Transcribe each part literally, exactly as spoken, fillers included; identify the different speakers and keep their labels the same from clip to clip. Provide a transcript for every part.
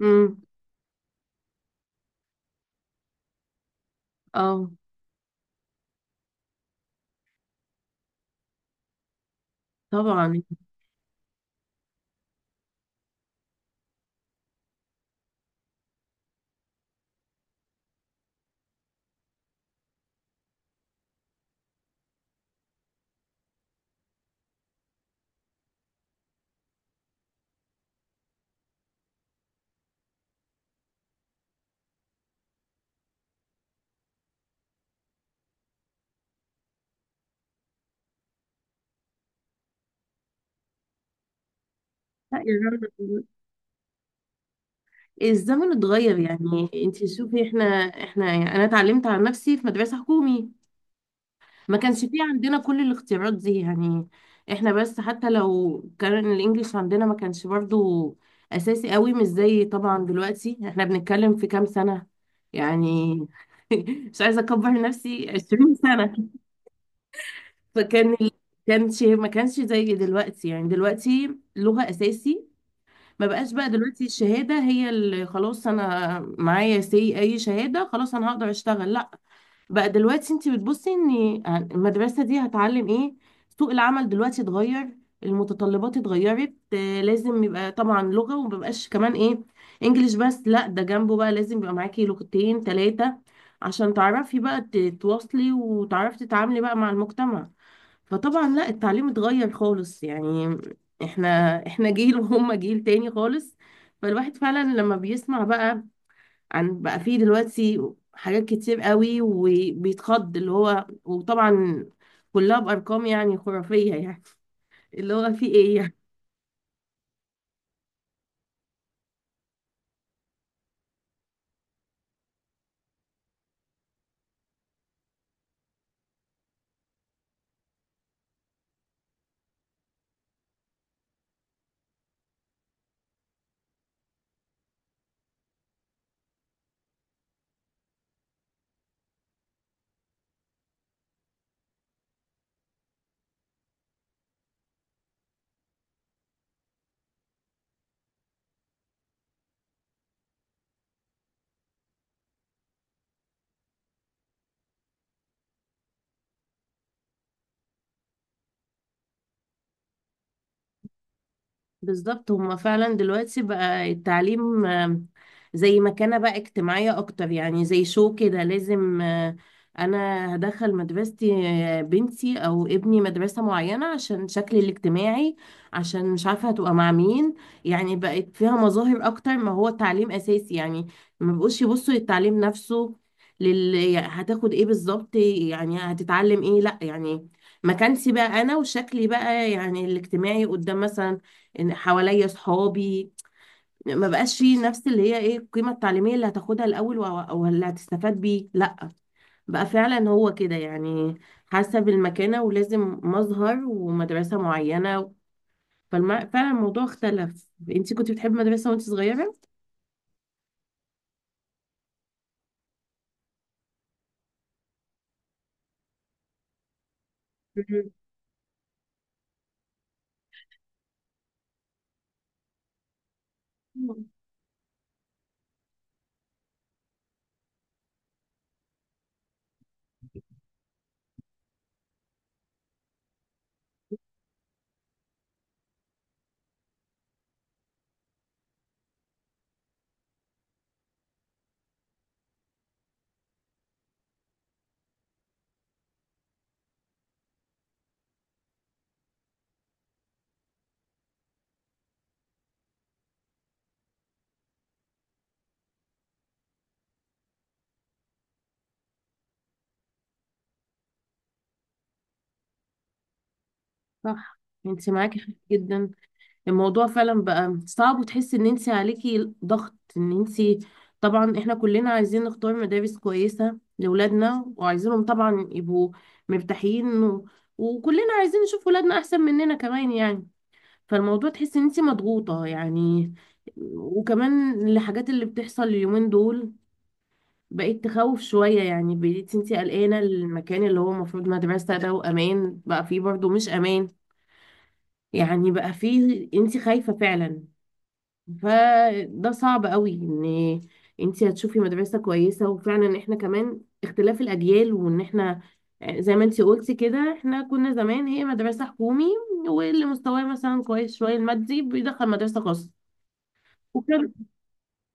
Speaker 1: امم اه، طبعا لا يا رنا، الزمن اتغير. يعني انت شوفي احنا احنا يعني انا اتعلمت على نفسي في مدرسة حكومي. ما كانش فيه عندنا كل الاختيارات دي يعني. احنا بس حتى لو كان الانجليش عندنا ما كانش برضو اساسي قوي، مش زي طبعا دلوقتي. احنا بنتكلم في كام سنة يعني، مش عايزة اكبر نفسي، 20 سنة. فكان ال- كانش ما كانش زي دلوقتي. يعني دلوقتي لغة اساسي، ما بقاش. بقى دلوقتي الشهادة هي اللي خلاص انا معايا سي اي شهادة، خلاص انا هقدر اشتغل؟ لا. بقى دلوقتي انت بتبصي ان يعني المدرسة دي هتعلم ايه. سوق العمل دلوقتي اتغير، المتطلبات اتغيرت. آه، لازم يبقى طبعا لغة، ومبقاش كمان ايه، انجليش بس، لا، ده جنبه بقى لازم يبقى معاكي لغتين ثلاثة عشان تعرفي بقى تتواصلي وتعرفي تتعاملي بقى مع المجتمع. فطبعا لا، التعليم اتغير خالص يعني. احنا احنا جيل، وهم جيل تاني خالص. فالواحد فعلا لما بيسمع بقى عن بقى فيه دلوقتي حاجات كتير قوي، وبيتخض اللي هو وطبعا كلها بأرقام يعني خرافية يعني، اللي هو فيه ايه بالظبط. هما فعلا دلوقتي بقى التعليم، آم، زي مكانة بقى اجتماعية أكتر. يعني زي شو كده، لازم آه، أنا هدخل مدرستي، آه، بنتي أو ابني مدرسة معينة عشان شكلي الاجتماعي، عشان مش عارفة هتبقى مع مين. يعني بقت فيها مظاهر أكتر ما هو تعليم أساسي يعني. ما بقوش يبصوا للتعليم نفسه، لل... يعني هتاخد ايه بالظبط، يعني هتتعلم ايه. لا، يعني مكانتي بقى أنا وشكلي بقى يعني الاجتماعي قدام مثلا ان حواليا صحابي. ما بقاش فيه نفس اللي هي ايه القيمة التعليمية اللي هتاخدها الاول، و- او اللي هتستفاد بيه. لا، بقى فعلا هو كده يعني، حسب المكانة، ولازم مظهر ومدرسة معينة. فالم... فعلا الموضوع اختلف. انت كنت بتحبي مدرسة وانت صغيرة؟ مم. صح، انت معاكي حق جدا. الموضوع فعلا بقى صعب، وتحس ان انت عليكي ضغط ان انت طبعا احنا كلنا عايزين نختار مدارس كويسة لأولادنا، وعايزينهم طبعا يبقوا مرتاحين و... وكلنا عايزين نشوف ولادنا احسن مننا كمان يعني. فالموضوع تحس ان انت مضغوطة يعني. وكمان الحاجات اللي بتحصل اليومين دول بقيت تخوف شوية يعني. بقيت انت قلقانة المكان اللي هو المفروض مدرسة ده وأمان، بقى فيه برضه مش أمان يعني. بقى فيه انت خايفة فعلا. فده صعب قوي ان انت هتشوفي مدرسة كويسة. وفعلا احنا كمان اختلاف الاجيال، وان احنا زي ما انت قلتي كده احنا كنا زمان هي مدرسة حكومي، واللي مستواه مثلا كويس شوية المادي بيدخل مدرسة خاصة. وكان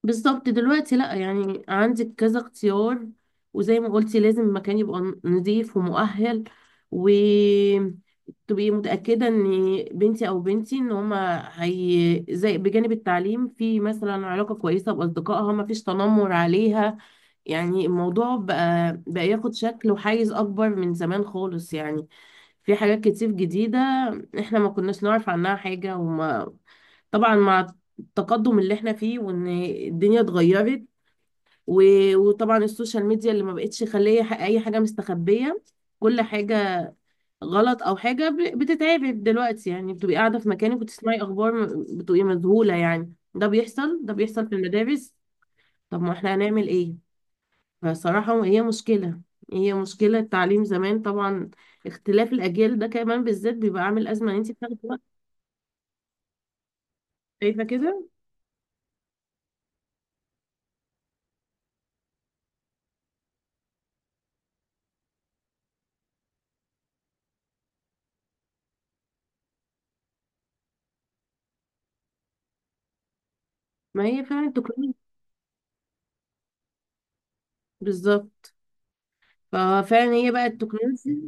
Speaker 1: بالظبط دلوقتي لا، يعني عندك كذا اختيار، وزي ما قلتي لازم المكان يبقى نظيف ومؤهل، وتبقي متأكدة ان بنتي او بنتي ان هما هي زي بجانب التعليم، في مثلا علاقة كويسة بأصدقائها، ما فيش تنمر عليها. يعني الموضوع بقى بقى ياخد شكل وحيز أكبر من زمان خالص يعني. في حاجات كتير جديدة احنا ما كناش نعرف عنها حاجة. وما طبعا مع التقدم اللي احنا فيه، وان الدنيا اتغيرت، و- وطبعا السوشيال ميديا اللي ما بقتش خليه ح- اي حاجة مستخبية. كل حاجة غلط او حاجة ب- بتتعبك دلوقتي، يعني بتبقي قاعدة في مكانك وتسمعي اخبار م- بتبقي مذهولة يعني. ده بيحصل ده بيحصل في المدارس. طب ما احنا هنعمل ايه. فصراحة هي مشكلة، هي مشكلة التعليم زمان طبعا، اختلاف الأجيال ده كمان بالذات بيبقى عامل أزمة إن انتي بتاخدي وقت. شايفة كده؟ ما هي فعلا التكنولوجيا. بالظبط، ففعلا هي بقى التكنولوجيا.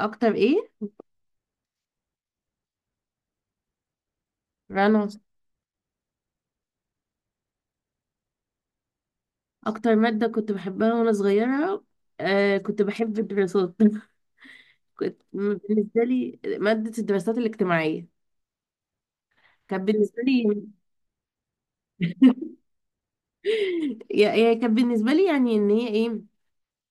Speaker 1: أكتر إيه رنا؟ أكتر مادة كنت بحبها وأنا صغيرة، آه، كنت بحب الدراسات. كنت بالنسبة لي مادة الدراسات الاجتماعية كانت بالنسبة لي هي هي كانت بالنسبة لي يعني إن هي إيه،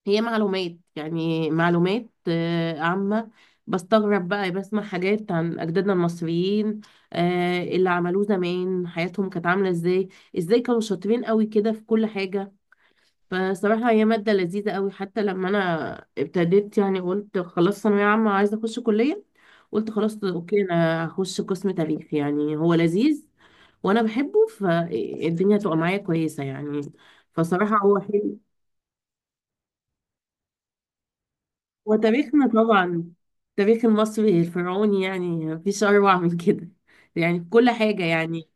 Speaker 1: هي معلومات يعني معلومات آه، عامة. بستغرب بقى بسمع حاجات عن أجدادنا المصريين، آه، اللي عملوه زمان، حياتهم كانت عاملة ازاي، ازاي كانوا شاطرين قوي كده في كل حاجة. فصراحة هي مادة لذيذة قوي. حتى لما أنا ابتديت يعني قلت خلاص ثانوية عامة عايزة أخش كلية، قلت خلاص أوكي أنا هخش قسم تاريخ، يعني هو لذيذ وأنا بحبه فالدنيا تبقى معايا كويسة يعني. فصراحة هو حلو. وتاريخنا طبعا التاريخ المصري الفرعوني يعني، مفيش أروع من كده، يعني في كل حاجة يعني.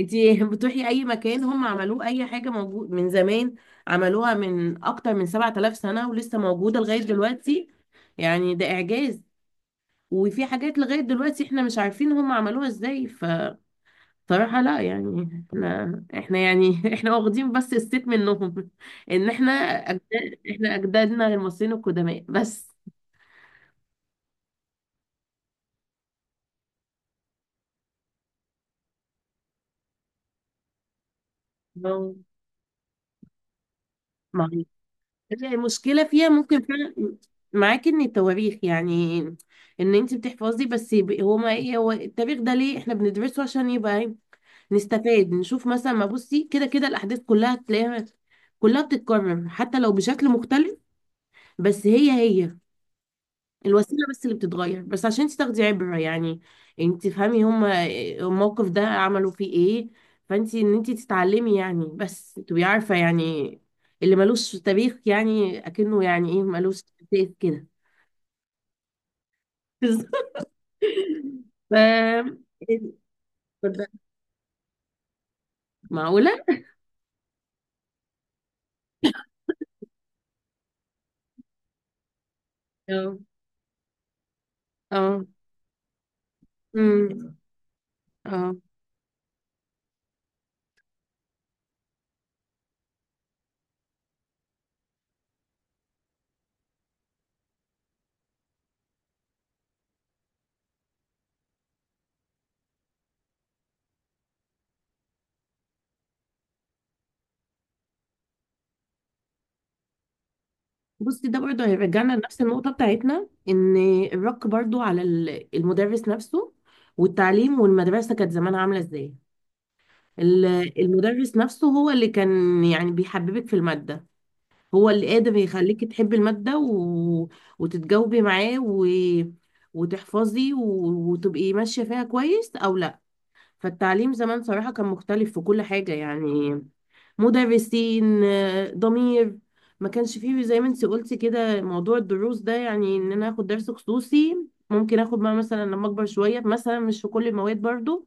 Speaker 1: انتي بتروحي أي مكان هم عملوه، أي حاجة موجود من زمان، عملوها من أكتر من سبعة آلاف سنة ولسه موجودة لغاية دلوقتي. يعني ده إعجاز. وفي حاجات لغاية دلوقتي احنا مش عارفين هم عملوها ازاي. فصراحة لا يعني، احنا احنا يعني احنا واخدين بس الست منهم، ان احنا أجداد، احنا أجدادنا المصريين القدماء بس. ما هي المشكلة فيها ممكن فعلا معاكي ان التواريخ يعني ان انت بتحفظي بس. يبقى هو ما ايه، هو التاريخ ده ليه احنا بندرسه، عشان يبقى ايه، نستفاد، نشوف مثلا ما بصي كده، كده الاحداث كلها تلاقيها كلها بتتكرر حتى لو بشكل مختلف، بس هي هي الوسيله بس اللي بتتغير، بس عشان انت تاخدي عبره يعني. يعني انت تفهمي هما الموقف ده عملوا فيه ايه، فانت ان انت تتعلمي يعني بس تبقي عارفه يعني. اللي ملوش تاريخ يعني اكنه يعني ايه، ملوش تاريخ كده. ف اتفضلي. معقوله؟ اه، اه، امم اه، بصي ده برضه هيرجعنا لنفس النقطه بتاعتنا، ان الرق برضه على ال- المدرس نفسه، والتعليم والمدرسه كانت زمان عامله ازاي. ال- المدرس نفسه هو اللي كان يعني بيحببك في المادة، هو اللي قادر يخليكي تحبي المادة و... وتتجاوبي معاه و... وتحفظي و... وتبقي ماشية فيها كويس أو لا. فالتعليم زمان صراحة كان مختلف في كل حاجة يعني. مدرسين آه، ضمير، ما كانش فيه زي ما انت قلتي كده موضوع الدروس ده، يعني ان انا اخد درس خصوصي ممكن اخد بقى مثلا لما اكبر شوية، مثلا مش في كل المواد برضو.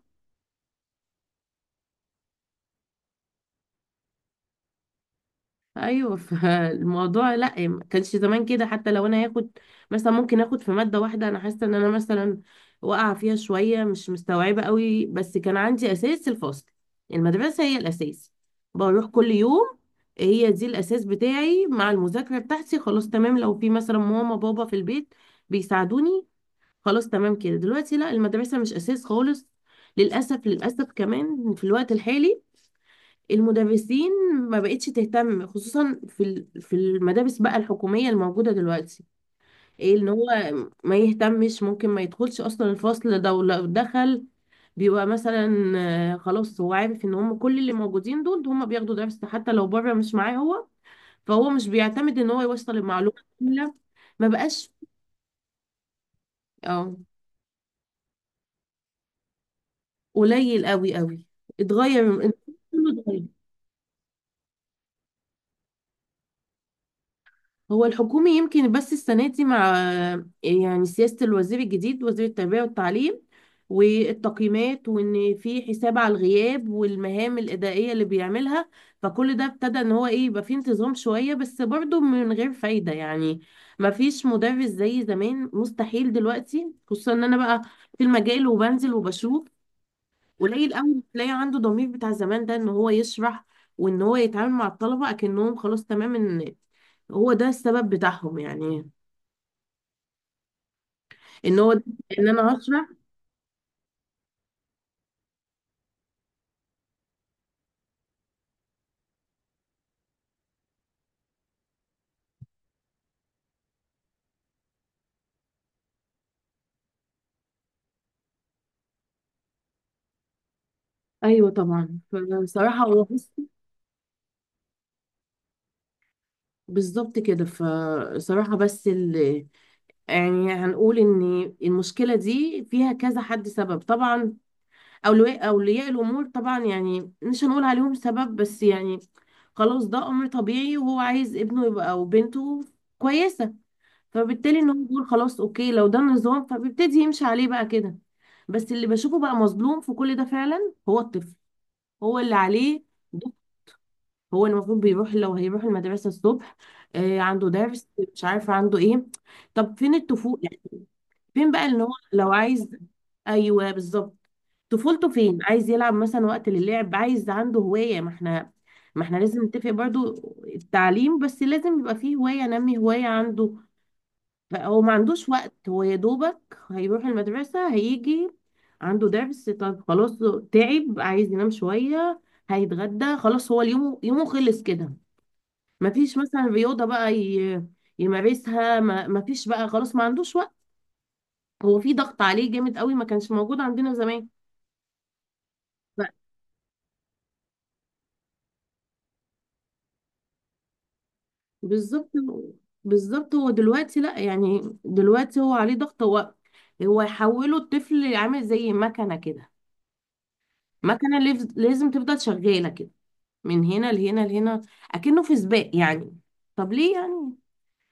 Speaker 1: ايوه، فالموضوع لا، ما كانش زمان كده. حتى لو انا هاخد مثلا، ممكن اخد في ماده واحده انا حاسه ان انا مثلا واقعه فيها شويه، مش مستوعبه قوي، بس كان عندي اساس، الفصل، المدرسه هي الاساس، بروح كل يوم، هي دي الاساس بتاعي مع المذاكره بتاعتي، خلاص تمام. لو في مثلا ماما بابا في البيت بيساعدوني، خلاص تمام كده. دلوقتي لا، المدرسه مش اساس خالص. للاسف، للاسف كمان في الوقت الحالي المدرسين ما بقتش تهتم، خصوصا في ال- في المدارس بقى الحكومية الموجودة دلوقتي. ايه ان هو ما يهتمش، ممكن ما يدخلش اصلا الفصل ده، ولو دخل بيبقى مثلا آه، خلاص هو عارف ان هم كل اللي موجودين دول هم بياخدوا درس حتى لو بره مش معاه هو. فهو مش بيعتمد ان هو يوصل المعلومة كاملة. ما بقاش. اه، قليل قوي قوي، اتغير، كله اتغير. هو الحكومي يمكن بس السنة دي مع يعني سياسة الوزير الجديد، وزير التربية والتعليم، والتقييمات، وان في حساب على الغياب والمهام الإدارية اللي بيعملها، فكل ده ابتدى ان هو ايه، يبقى فيه انتظام شوية، بس برضه من غير فايدة يعني. ما فيش مدرس زي زمان مستحيل دلوقتي. خصوصا ان انا بقى في المجال وبنزل وبشوف، قليل قوي اللي تلاقي عنده ضمير بتاع زمان ده، ان هو يشرح، وان هو يتعامل مع الطلبة اكنهم خلاص تمام ان هو ده السبب بتاعهم يعني، ان هو ده- ان انا هشرح. ايوه طبعا، فصراحة هو بس بالظبط كده. فصراحة بس ال... يعني هنقول ان المشكلة دي فيها كذا حد سبب طبعا. اولياء اولياء الامور طبعا يعني مش هنقول عليهم سبب، بس يعني خلاص ده امر طبيعي، وهو عايز ابنه يبقى او بنته كويسة، فبالتالي ان هو بيقول خلاص اوكي لو ده النظام، فبيبتدي يمشي عليه بقى كده. بس اللي بشوفه بقى مظلوم في كل ده فعلا هو الطفل، هو اللي عليه ضغط. هو المفروض بيروح، لو هيروح المدرسة الصبح، آه عنده درس، مش عارفة عنده ايه. طب فين الطفولة يعني، فين بقى ان هو لو عايز، ايوه بالظبط، طفولته فين، عايز يلعب مثلا، وقت للعب، عايز عنده هواية. ما احنا ما احنا لازم نتفق برضو، التعليم بس لازم يبقى فيه هواية، نمي هواية عنده. هو ما عندوش وقت. هو يا دوبك هيروح المدرسة هيجي عنده درس، طب خلاص تعب عايز ينام شوية، هيتغدى خلاص، هو اليوم يومه خلص كده. ما فيش مثلا رياضة بقى ي- يمارسها، ما ما فيش بقى خلاص، ما عندوش وقت. هو في ضغط عليه جامد قوي ما كانش موجود عندنا زمان. ف- بالظبط، بالظبط. هو دلوقتي لا يعني، دلوقتي هو عليه ضغط. هو هو يحوله الطفل عامل زي مكنة كده، مكنة لف- لازم تفضل شغالة كده، من هنا لهنا لهنا، اكنه في سباق يعني. طب ليه يعني،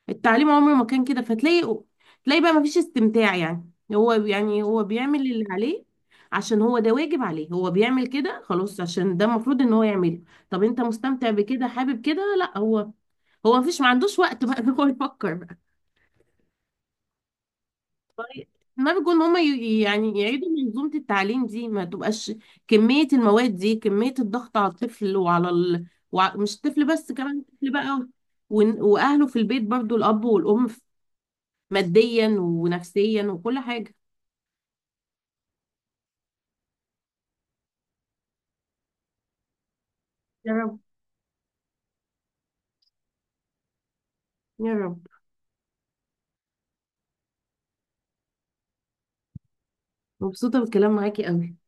Speaker 1: التعليم عمره ما كان كده. فتلاقي تلاقي بقى ما فيش استمتاع يعني. هو يعني هو بيعمل اللي عليه، عشان هو ده واجب عليه، هو بيعمل كده خلاص عشان ده المفروض ان هو يعمله. طب انت مستمتع بكده، حابب كده؟ لا، هو هو مفيش، ما عندوش وقت بقى ان هو يفكر. طيب، ما بيكون هما ي- يعني يعيدوا منظومة التعليم دي، ما تبقاش كمية المواد دي، كمية الضغط على الطفل، وعلى ال... وع... مش الطفل بس، كمان الطفل بقى ون... وأهله في البيت برضو، الأب والأم، ف- ماديا ونفسيا وكل حاجة. يا رب، يا رب. مبسوطة بالكلام معاكي قوي.